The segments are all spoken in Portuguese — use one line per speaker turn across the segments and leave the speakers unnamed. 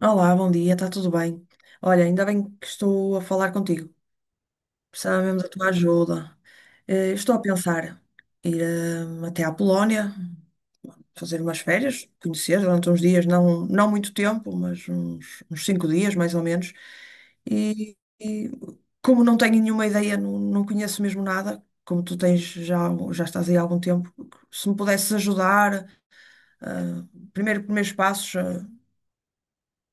Olá, bom dia, está tudo bem? Olha, ainda bem que estou a falar contigo. Precisava mesmo da tua ajuda. Estou a pensar ir até à Polónia, fazer umas férias, conhecer durante uns dias, não, não muito tempo, mas uns 5 dias mais ou menos. E como não tenho nenhuma ideia, não, não conheço mesmo nada, como tu tens já, já estás aí há algum tempo, se me pudesses ajudar, eh, primeiros passos.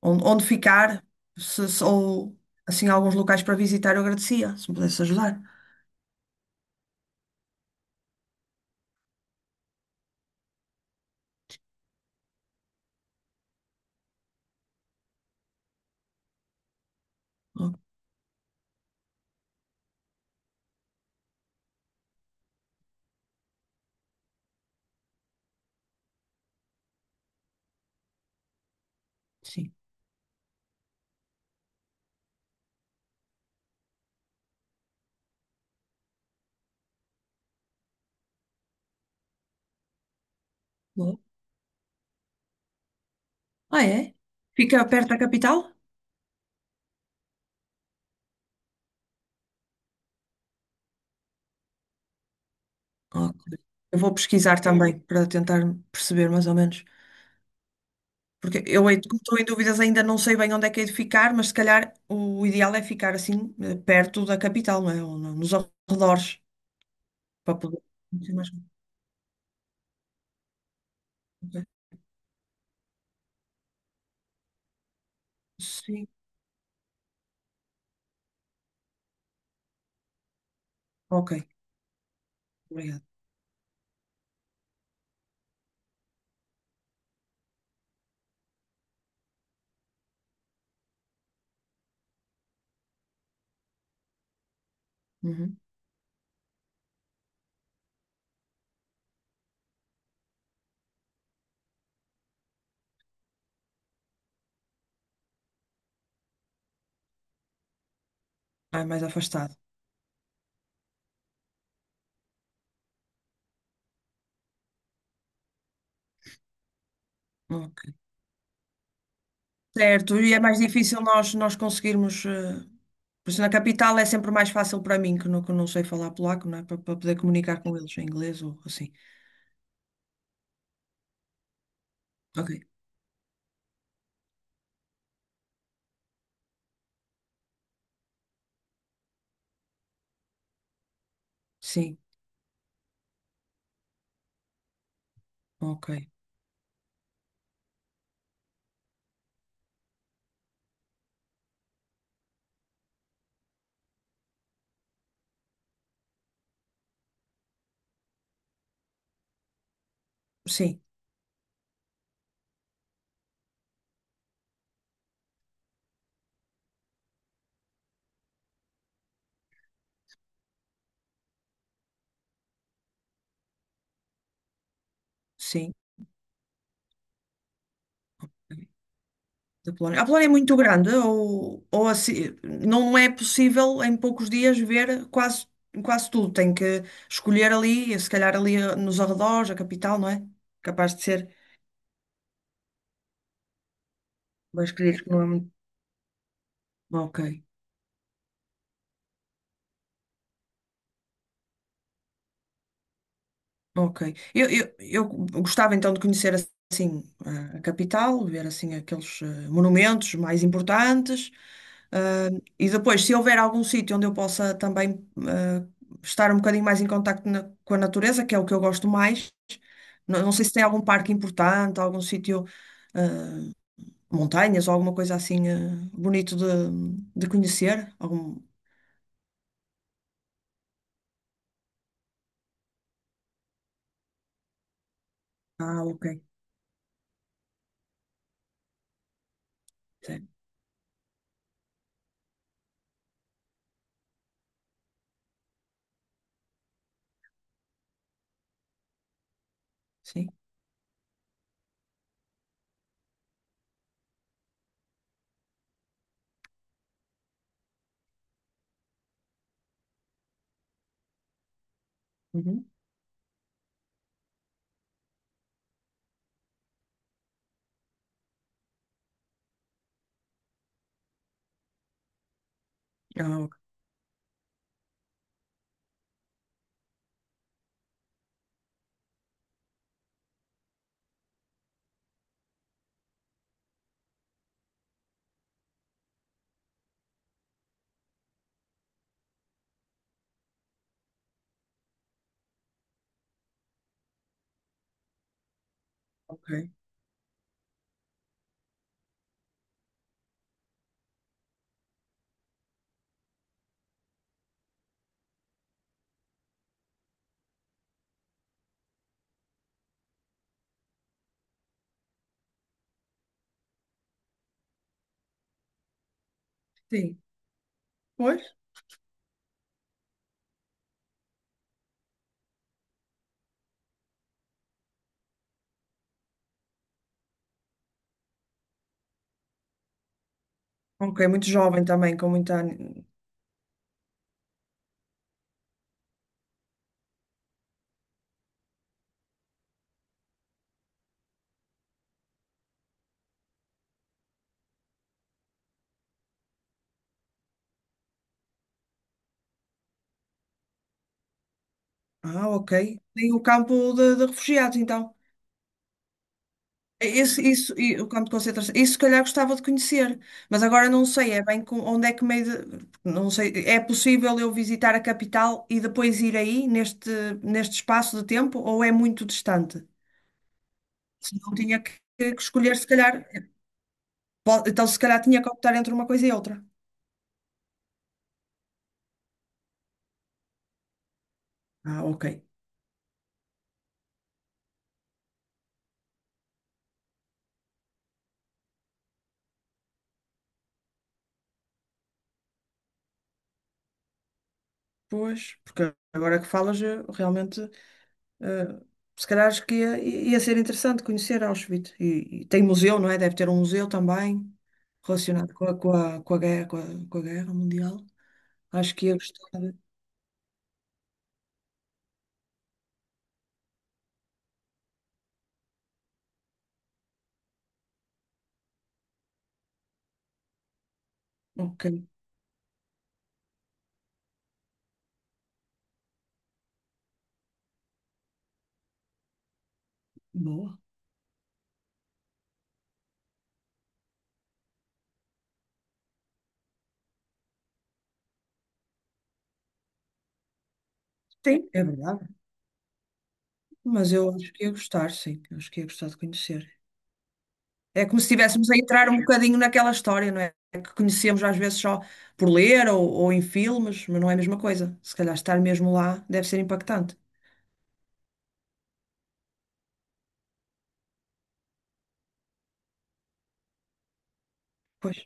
Onde ficar, ou assim alguns locais para visitar, eu agradecia, se me pudesse ajudar. Oh, sim. Boa. Ah, é? Fica perto da capital? Ok. Eu vou pesquisar também para tentar perceber mais ou menos. Porque eu como estou em dúvidas, ainda não sei bem onde é que hei de ficar, mas se calhar o ideal é ficar assim perto da capital, não é? Ou no- Nos arredores, para poder. Não mais ok. Sim, ok, obrigado. Uhum. Ah, mais afastado. Ok. Certo, e é mais difícil nós conseguirmos. Por isso, na capital é sempre mais fácil para mim, que não sei falar polaco, não é? Para poder comunicar com eles em inglês ou assim. Ok. Sim, ok. Sim, sim. Da Polónia. A Polónia é muito grande, ou assim, não é possível em poucos dias ver quase, quase tudo. Tem que escolher ali, se calhar ali nos arredores, a capital, não é? Capaz de ser. Mas escolher que não é muito. Ok. Ok. Eu gostava então de conhecer assim a capital, ver assim aqueles monumentos mais importantes. ah, e depois, se houver algum sítio onde eu possa também ah, estar um bocadinho mais em contacto com a natureza, que é o que eu gosto mais, não, não sei se tem algum parque importante, algum sítio, ah, montanhas ou alguma coisa assim bonito de conhecer. Algum... Ah, ok. Sim. Sim. Uhum. Ah, ok. Ok. Sim. Pois. Ok, muito jovem também, com muita. Ah, ok. Tem o campo de refugiados, então. É esse, isso, e o campo de concentração. Isso, se calhar, gostava de conhecer, mas agora não sei, é bem com, onde é que meio de, não sei, é possível eu visitar a capital e depois ir aí neste, neste espaço de tempo ou é muito distante? Se não tinha que escolher, se calhar, então se calhar tinha que optar entre uma coisa e outra. Ah, ok. Pois, porque agora que falas, eu realmente. Eh, Se calhar acho que ia ser interessante conhecer Auschwitz. E tem museu, não é? Deve ter um museu também relacionado com a, com a, com a guerra mundial. Acho que ia gostar. Ok, boa. Sim, é verdade. Mas eu acho que ia gostar, sim. Eu acho que ia gostar de conhecer. É como se estivéssemos a entrar um bocadinho naquela história, não é? Que conhecemos às vezes só por ler ou em filmes, mas não é a mesma coisa. Se calhar estar mesmo lá deve ser impactante. Pois,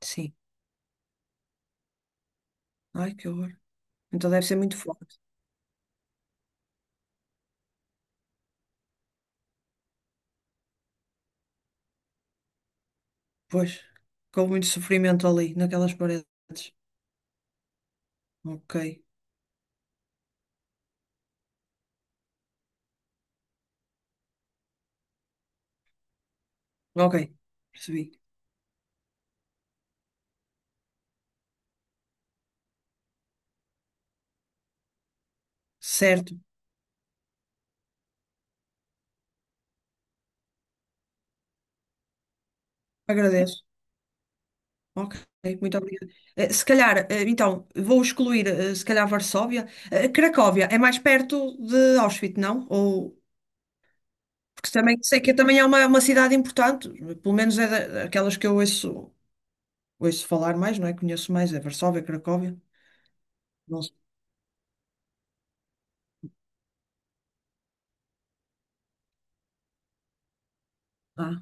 sim. Ai, que horror. Então deve ser muito forte. Pois, com muito sofrimento ali, naquelas paredes. Ok, ok, percebi. Certo, agradeço. Ok, muito obrigada. Se calhar, então, vou excluir, se calhar, Varsóvia. Cracóvia é mais perto de Auschwitz, não? Ou, porque também sei que também é uma cidade importante, pelo menos é daquelas que eu ouço, ouço falar mais, não é? Conheço mais, é Varsóvia, Cracóvia. Não sei. Ah,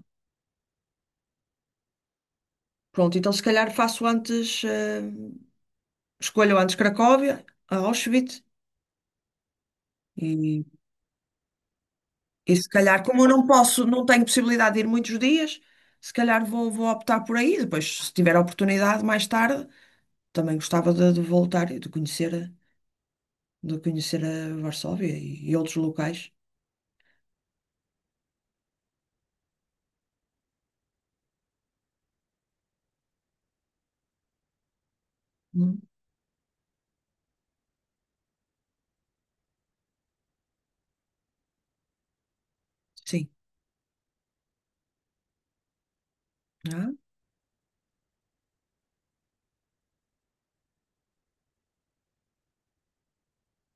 pronto, então se calhar faço antes, escolho antes Cracóvia, a Auschwitz. E, e se calhar, como eu não posso, não tenho possibilidade de ir muitos dias, se calhar vou optar por aí. Depois, se tiver a oportunidade mais tarde, também gostava de voltar e de conhecer a Varsóvia e outros locais. Hum. Sim. Ah,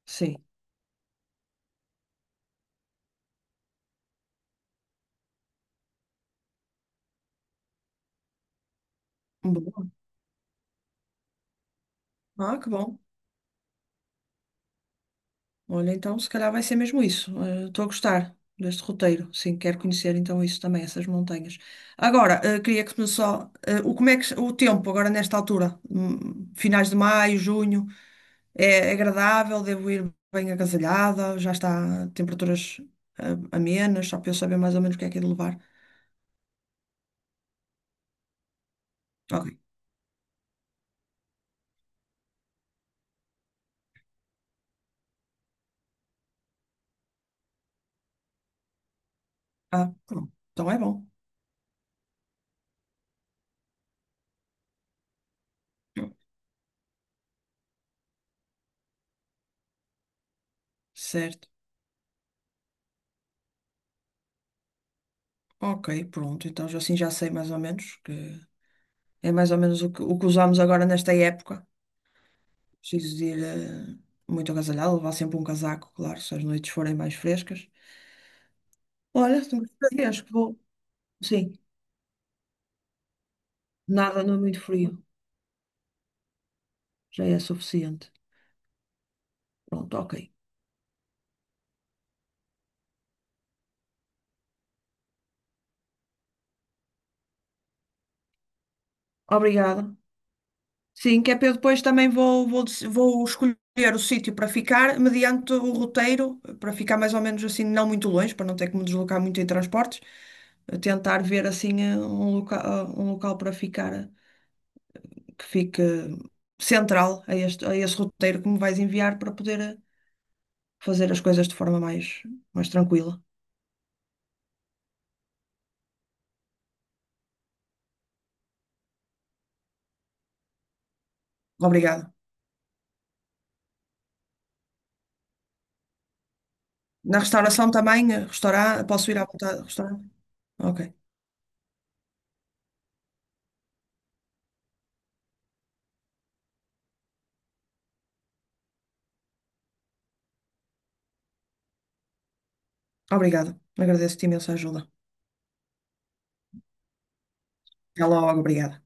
sim. Boa. Ah, que bom. Olha, então, se calhar vai ser mesmo isso. Estou a gostar deste roteiro. Sim, quero conhecer então isso também, essas montanhas. Agora, queria que me só. O, como é que, o tempo agora nesta altura? Finais de maio, junho. É agradável, devo ir bem agasalhada, já está a temperaturas amenas, só para eu saber mais ou menos o que é de levar. Ok. Ah, pronto. Então é bom. Certo. Ok, pronto. Então assim já sei mais ou menos que é mais ou menos o que usamos agora nesta época. Preciso de ir muito agasalhada, levar sempre um casaco, claro, se as noites forem mais frescas. Olha, se me acho que vou. Sim, nada, não é muito frio. Já é suficiente. Pronto, ok. Obrigada. Sim, que é para eu depois também vou escolher o sítio para ficar, mediante o roteiro, para ficar mais ou menos assim, não muito longe, para não ter que me deslocar muito em transportes, a tentar ver assim um local para ficar que fique central a este, a esse roteiro que me vais enviar para poder fazer as coisas de forma mais, mais tranquila. Obrigada. Na restauração também, eh, restaurar, posso ir à vontade, restaurar? Ok. Obrigada. Agradeço-te imensa ajuda. Até logo, obrigada.